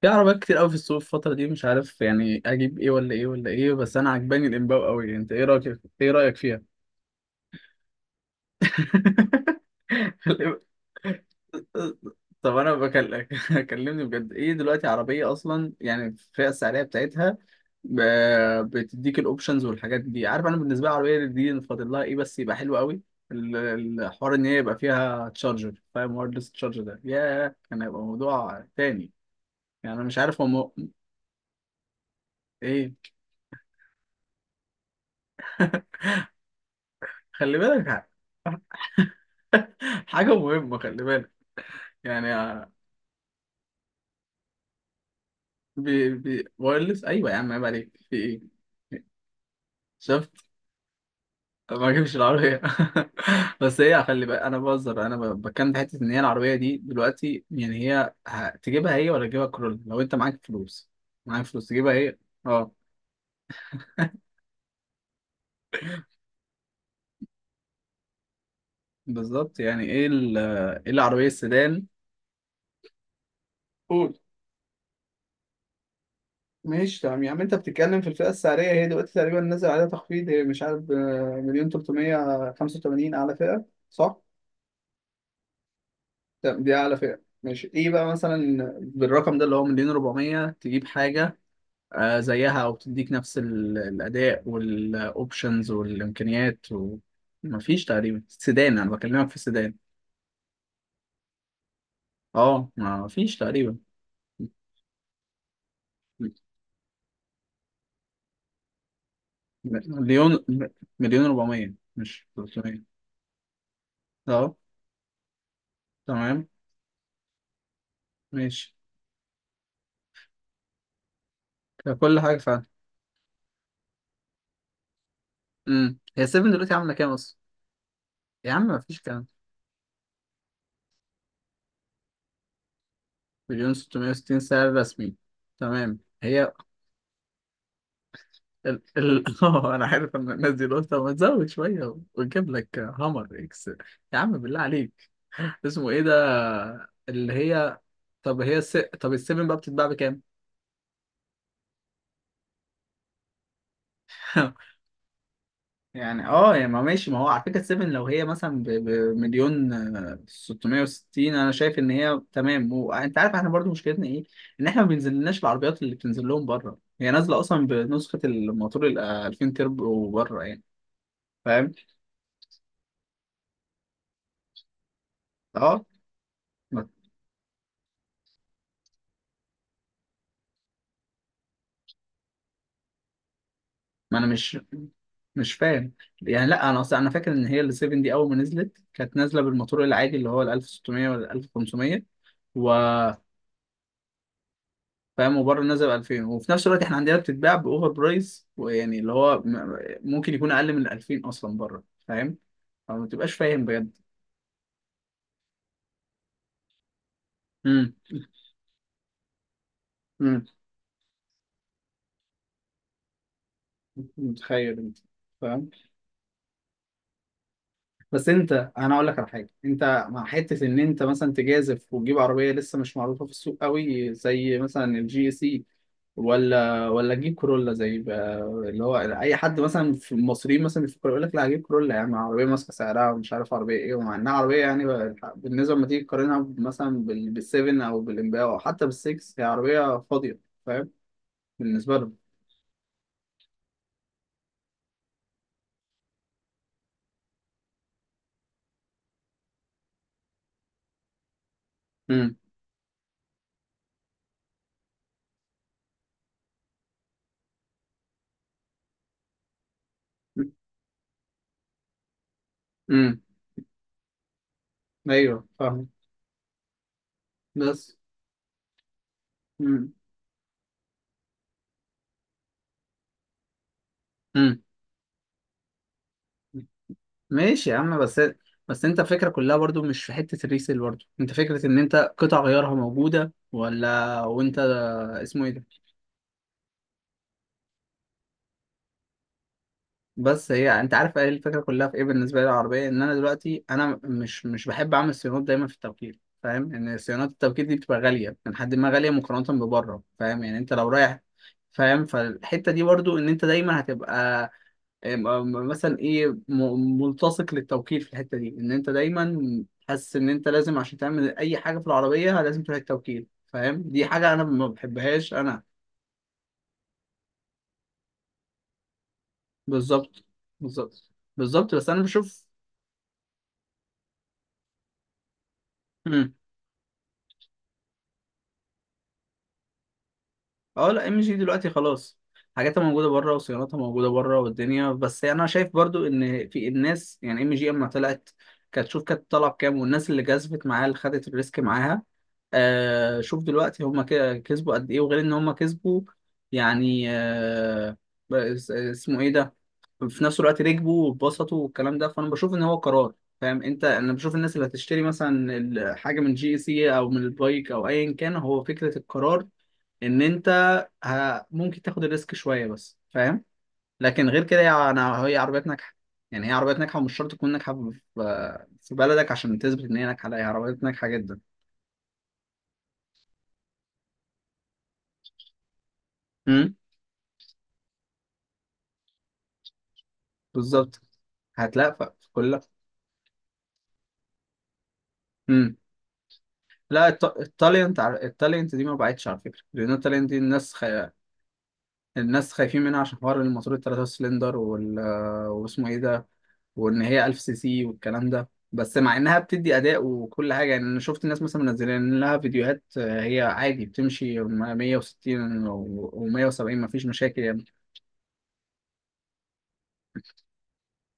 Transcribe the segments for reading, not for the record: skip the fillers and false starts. في عربيات كتير قوي في السوق الفترة دي، مش عارف يعني اجيب ايه ولا ايه ولا ايه. بس انا عجباني الامباو قوي. انت ايه رايك فيها؟ طب انا بكلمك، كلمني بجد. ايه دلوقتي عربية اصلا، يعني الفئة السعرية بتاعتها بتديك الاوبشنز والحاجات دي. عارف، انا بالنسبة لي العربية دي فاضل لها ايه بس يبقى حلو قوي. ال- الحوار ان هي يبقى فيها تشارجر، فاهم، وايرلس تشارجر، ده ياه كان هيبقى موضوع تاني. يعني انا مش عارف هو ايه. خلي بالك. حاجة مهمة، خلي بالك. يعني. بي وايرلس، أيوة يا عم، عيب عليك، في إيه؟ شفت، ما اجيبش العربية. بس هي خلي بالك، أنا بهزر. أنا بتكلم في حتة إن هي العربية دي دلوقتي، يعني هي تجيبها هي ولا تجيبها كرول؟ لو أنت معاك فلوس تجيبها هي. أه. بالظبط. يعني إيه إيه العربية السيدان؟ قول. ماشي تمام يا عم. انت بتتكلم في الفئة السعرية، هي دلوقتي تقريبا نازل عليها تخفيض، هي مش عارف، مليون 385 أعلى فئة، صح؟ طب دي أعلى فئة، ماشي. إيه بقى مثلا بالرقم ده اللي هو مليون ربعمية، تجيب حاجة زيها أو تديك نفس الأداء والأوبشنز والإمكانيات. ومفيش تقريبا سيدان، أنا بكلمك في سيدان، أه مفيش تقريبا. م- مليون م- مليون ربعمية مش 300. أه تمام. ماشي. كل حاجة فعلا. امم، هي 7 دلوقتي عاملة كام أصلا؟ يا عم مفيش كام. مليون 660 سعر رسمي. تمام. هي. اه، انا عارف ان الناس دي قلت ما تزود شويه ونجيب لك هامر اكس. يا عم بالله عليك. اسمه ايه ده. اللي هي. طب السيفن بقى بتتباع بكام؟ يعني اه، يعني ما ماشي. ما هو على فكره السيفن لو هي مثلا بمليون 660، انا شايف ان هي تمام. وانت عارف احنا برضو مشكلتنا ايه؟ ان احنا ما بينزلناش العربيات اللي بتنزل لهم بره. هي نازله اصلا بنسخه الموتور ال 2000 تربو بره يعني. فاهم؟ اه. ما ما انا مش فاهم. يعني لا، انا اصلا انا فاكر ان هي ال 7 دي اول ما نزلت كانت نازله بالموتور العادي اللي هو ال 1600 ولا ال 1500. و فاهم، وبره نازل ب 2000، وفي نفس الوقت احنا عندنا بتتباع باوفر برايس، ويعني اللي هو ممكن يكون اقل من ال 2000 اصلا بره، فاهم. فما تبقاش فاهم بجد. امم. امم. متخيل انت. فاهم. بس انت، انا اقول لك على حاجه. انت مع حته ان انت مثلا تجازف وتجيب عربيه لسه مش معروفه في السوق قوي، زي مثلا الجي سي، ولا اجيب كورولا زي بقى اللي هو اي حد مثلا في المصريين مثلا بيفكر يقول لك لا هجيب كورولا. يا عم، عربيه ماسكه سعرها ومش عارف عربيه ايه، ومع انها عربيه يعني، بالنسبه لما تيجي تقارنها مثلا بالسيفن او بالامباو او حتى بالسكس، هي عربيه فاضيه. فاهم، بالنسبه لهم. امم. امم. ايوه فاهم. بس. امم. امم. ماشي يا عم. بس، بس انت الفكره كلها برضو مش في حته الريسيل. برضو انت فكره ان انت قطع غيارها موجوده ولا، وانت. اسمه ايه ده. بس هي، انت عارف ايه الفكره كلها في ايه بالنسبه لي العربيه؟ ان انا دلوقتي انا مش بحب اعمل صيانات دايما في التوكيل. فاهم ان صيانات التوكيل دي بتبقى غاليه، من حد ما غاليه مقارنه ببره. فاهم، يعني انت لو رايح، فاهم. فالحته دي برضو ان انت دايما هتبقى مثلا ايه، ملتصق للتوكيل في الحته دي، ان انت دايما حاسس ان انت لازم عشان تعمل اي حاجه في العربيه لازم تروح التوكيل. فاهم، دي حاجه انا ما بحبهاش انا. بالظبط. بالظبط. بالظبط. بس انا بشوف. اه لا، ام جي دلوقتي خلاص، حاجاتها موجوده بره وصيانتها موجوده بره والدنيا. بس انا شايف برضو ان في الناس، يعني ام جي اما طلعت كانت، شوف، كانت طالعه بكام، والناس اللي جذبت معاها، اللي خدت الريسك معاها. آه، شوف دلوقتي هما كده كسبوا قد ايه. وغير ان هما كسبوا، يعني آه، اسمه ايه ده، في نفس الوقت ركبوا واتبسطوا والكلام ده. فانا بشوف ان هو قرار، فاهم. انت انا بشوف الناس اللي هتشتري مثلا حاجه من جي سي او من البايك او ايا كان، هو فكره القرار ان انت ممكن تاخد الريسك شويه بس، فاهم. لكن غير كده يعني انا، هي عربيات ناجحه. يعني هي عربيات ناجحه، ومش شرط تكون ناجحه في في بلدك عشان تثبت ان هي ناجحه. لا، هي عربيات ناجحه جدا. امم. بالظبط. هتلاقي في كل. امم. لا، التالنت، التالنت دي ما بعتش على فكره، لان التالنت دي الناس الناس خايفين منها عشان حوار الموتور الثلاثة سلندر واسمه ايه ده، وان هي 1000 سي سي والكلام ده. بس مع انها بتدي اداء وكل حاجه، يعني انا شفت الناس مثلا منزلين لها فيديوهات. هي عادي بتمشي 160 و170، مفيش مشاكل يعني.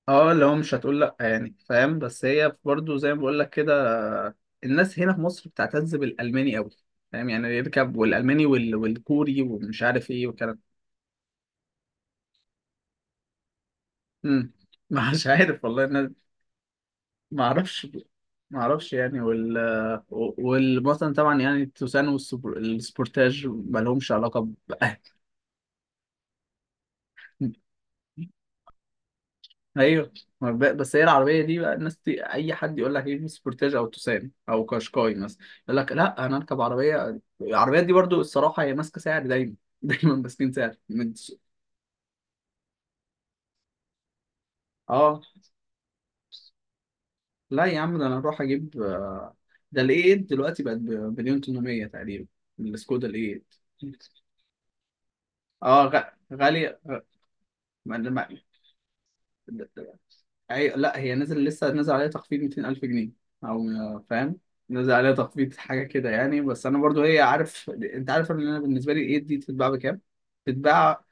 اه، اللي هو مش هتقول لا يعني، فاهم. بس هي برضو زي ما بقول لك كده، الناس هنا في مصر بتعتز بالالماني قوي، فاهم. يعني يركب والالماني والكوري ومش عارف ايه والكلام. امم. مش عارف والله. ما اعرفش. ما اعرفش يعني. وال، والمثلا طبعا يعني التوسان والسبورتاج ما لهمش علاقه ايوه. ما بس هي العربيه دي بقى، الناس دي اي حد يقول لك ايه سبورتاج او توسان او كاشكاي مثلا يقول لك لا انا اركب عربيه، العربيات دي برضو الصراحه هي ماسكه سعر دايما. دايما ماسكين سعر اه. لا يا عم، ده انا اروح اجيب، ده الاي 8 دلوقتي بقت بمليون 800 تقريبا، السكودا الاي 8. اه غاليه. لا، هي نزل، لسه نزل عليها تخفيض 200,000 جنيه او، فاهم. نزل عليها تخفيض حاجه كده يعني. بس انا برضو هي، عارف، انت عارف ان انا بالنسبه لي الايد دي تتباع بكام؟ تتباع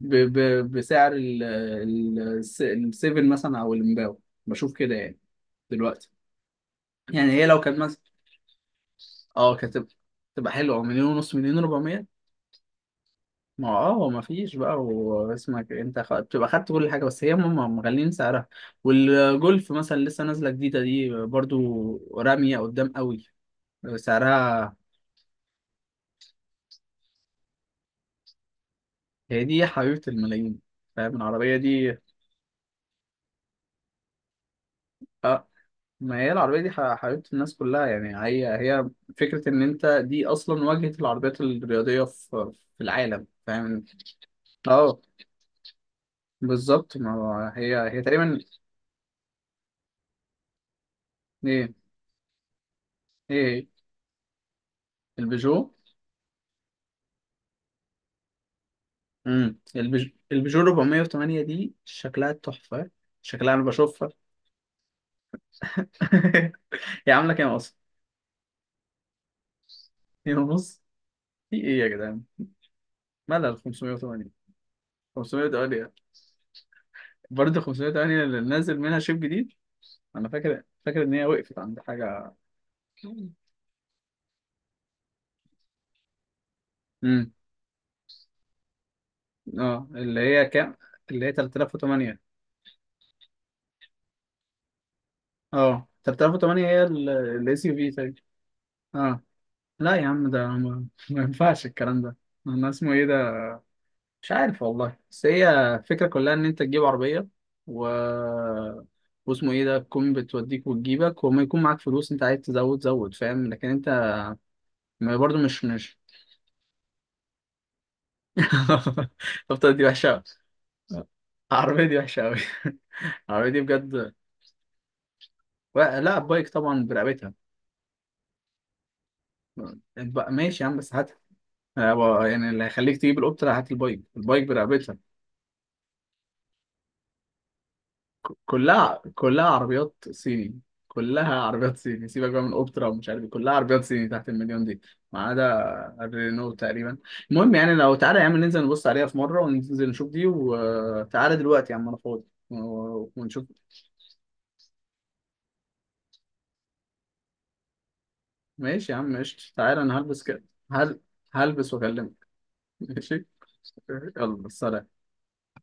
بسعر السيفن مثلا او المباو. بشوف كده يعني، دلوقتي. يعني هي لو كانت مثلا اه كانت تبقى، تبقى حلوه، مليون ونص، مليون و400. ما اه، هو ما فيش بقى، واسمك انت بتبقى خدت كل حاجه، بس هي هم مغلين سعرها. والجولف مثلا لسه نازله جديده دي برضو، راميه قدام قوي سعرها. هي دي حبيبه الملايين، فاهم، العربيه دي. اه، ما هي العربيه دي حبيبه الناس كلها يعني. هي. هي فكره ان انت دي اصلا واجهه العربيات الرياضيه في في العالم، فاهم. اه، بالظبط، ما هو هي تقريبا. ايه. ايه البيجو. امم. البيجو 408 دي شكلها تحفة، شكلها انا بشوفها. هي عاملة كام اصلا؟ هي ونص. في ايه يا جدعان؟ مالها 508. 508. برضه 508 اللي نازل منها شيب جديد. انا فاكر، فاكر ان هي وقفت عند حاجة. امم. اه، اللي هي كام؟ اللي هي 3008. اه 3008، هي الاس يو في تقريبا. اه لا يا عم، ده ما ينفعش الكلام ده. انا اسمه ايه، مش عارف والله. بس هي الفكرة كلها إن أنت تجيب عربية و... واسمه إيه ده، تكون بتوديك وتجيبك، وما يكون معاك فلوس أنت عايز تزود زود، فاهم. لكن أنت، ما برضه مش. طب دي وحشة أوي. العربية دي وحشة أوي. العربية دي بجد. لا، بايك طبعا برقبتها. ماشي يا عم، بس هاتها. يعني اللي هيخليك تجيب القطة لا، هات البايك، البايك برقبتها. كلها عربيات صيني. كلها عربيات صيني، سيبك بقى من اوبترا ومش عارف ايه، كلها عربيات صيني تحت المليون دي، ما عدا الرينو تقريبا. المهم يعني، لو تعالى يا عم، ننزل نبص عليها في مره، وننزل نشوف دي. وتعالى دلوقتي يا عم انا فاضي ونشوف. ماشي يا عم، ماشي. تعالى انا هلبس كده. هل هلبس واكلمك. ماشي. يلا سلام.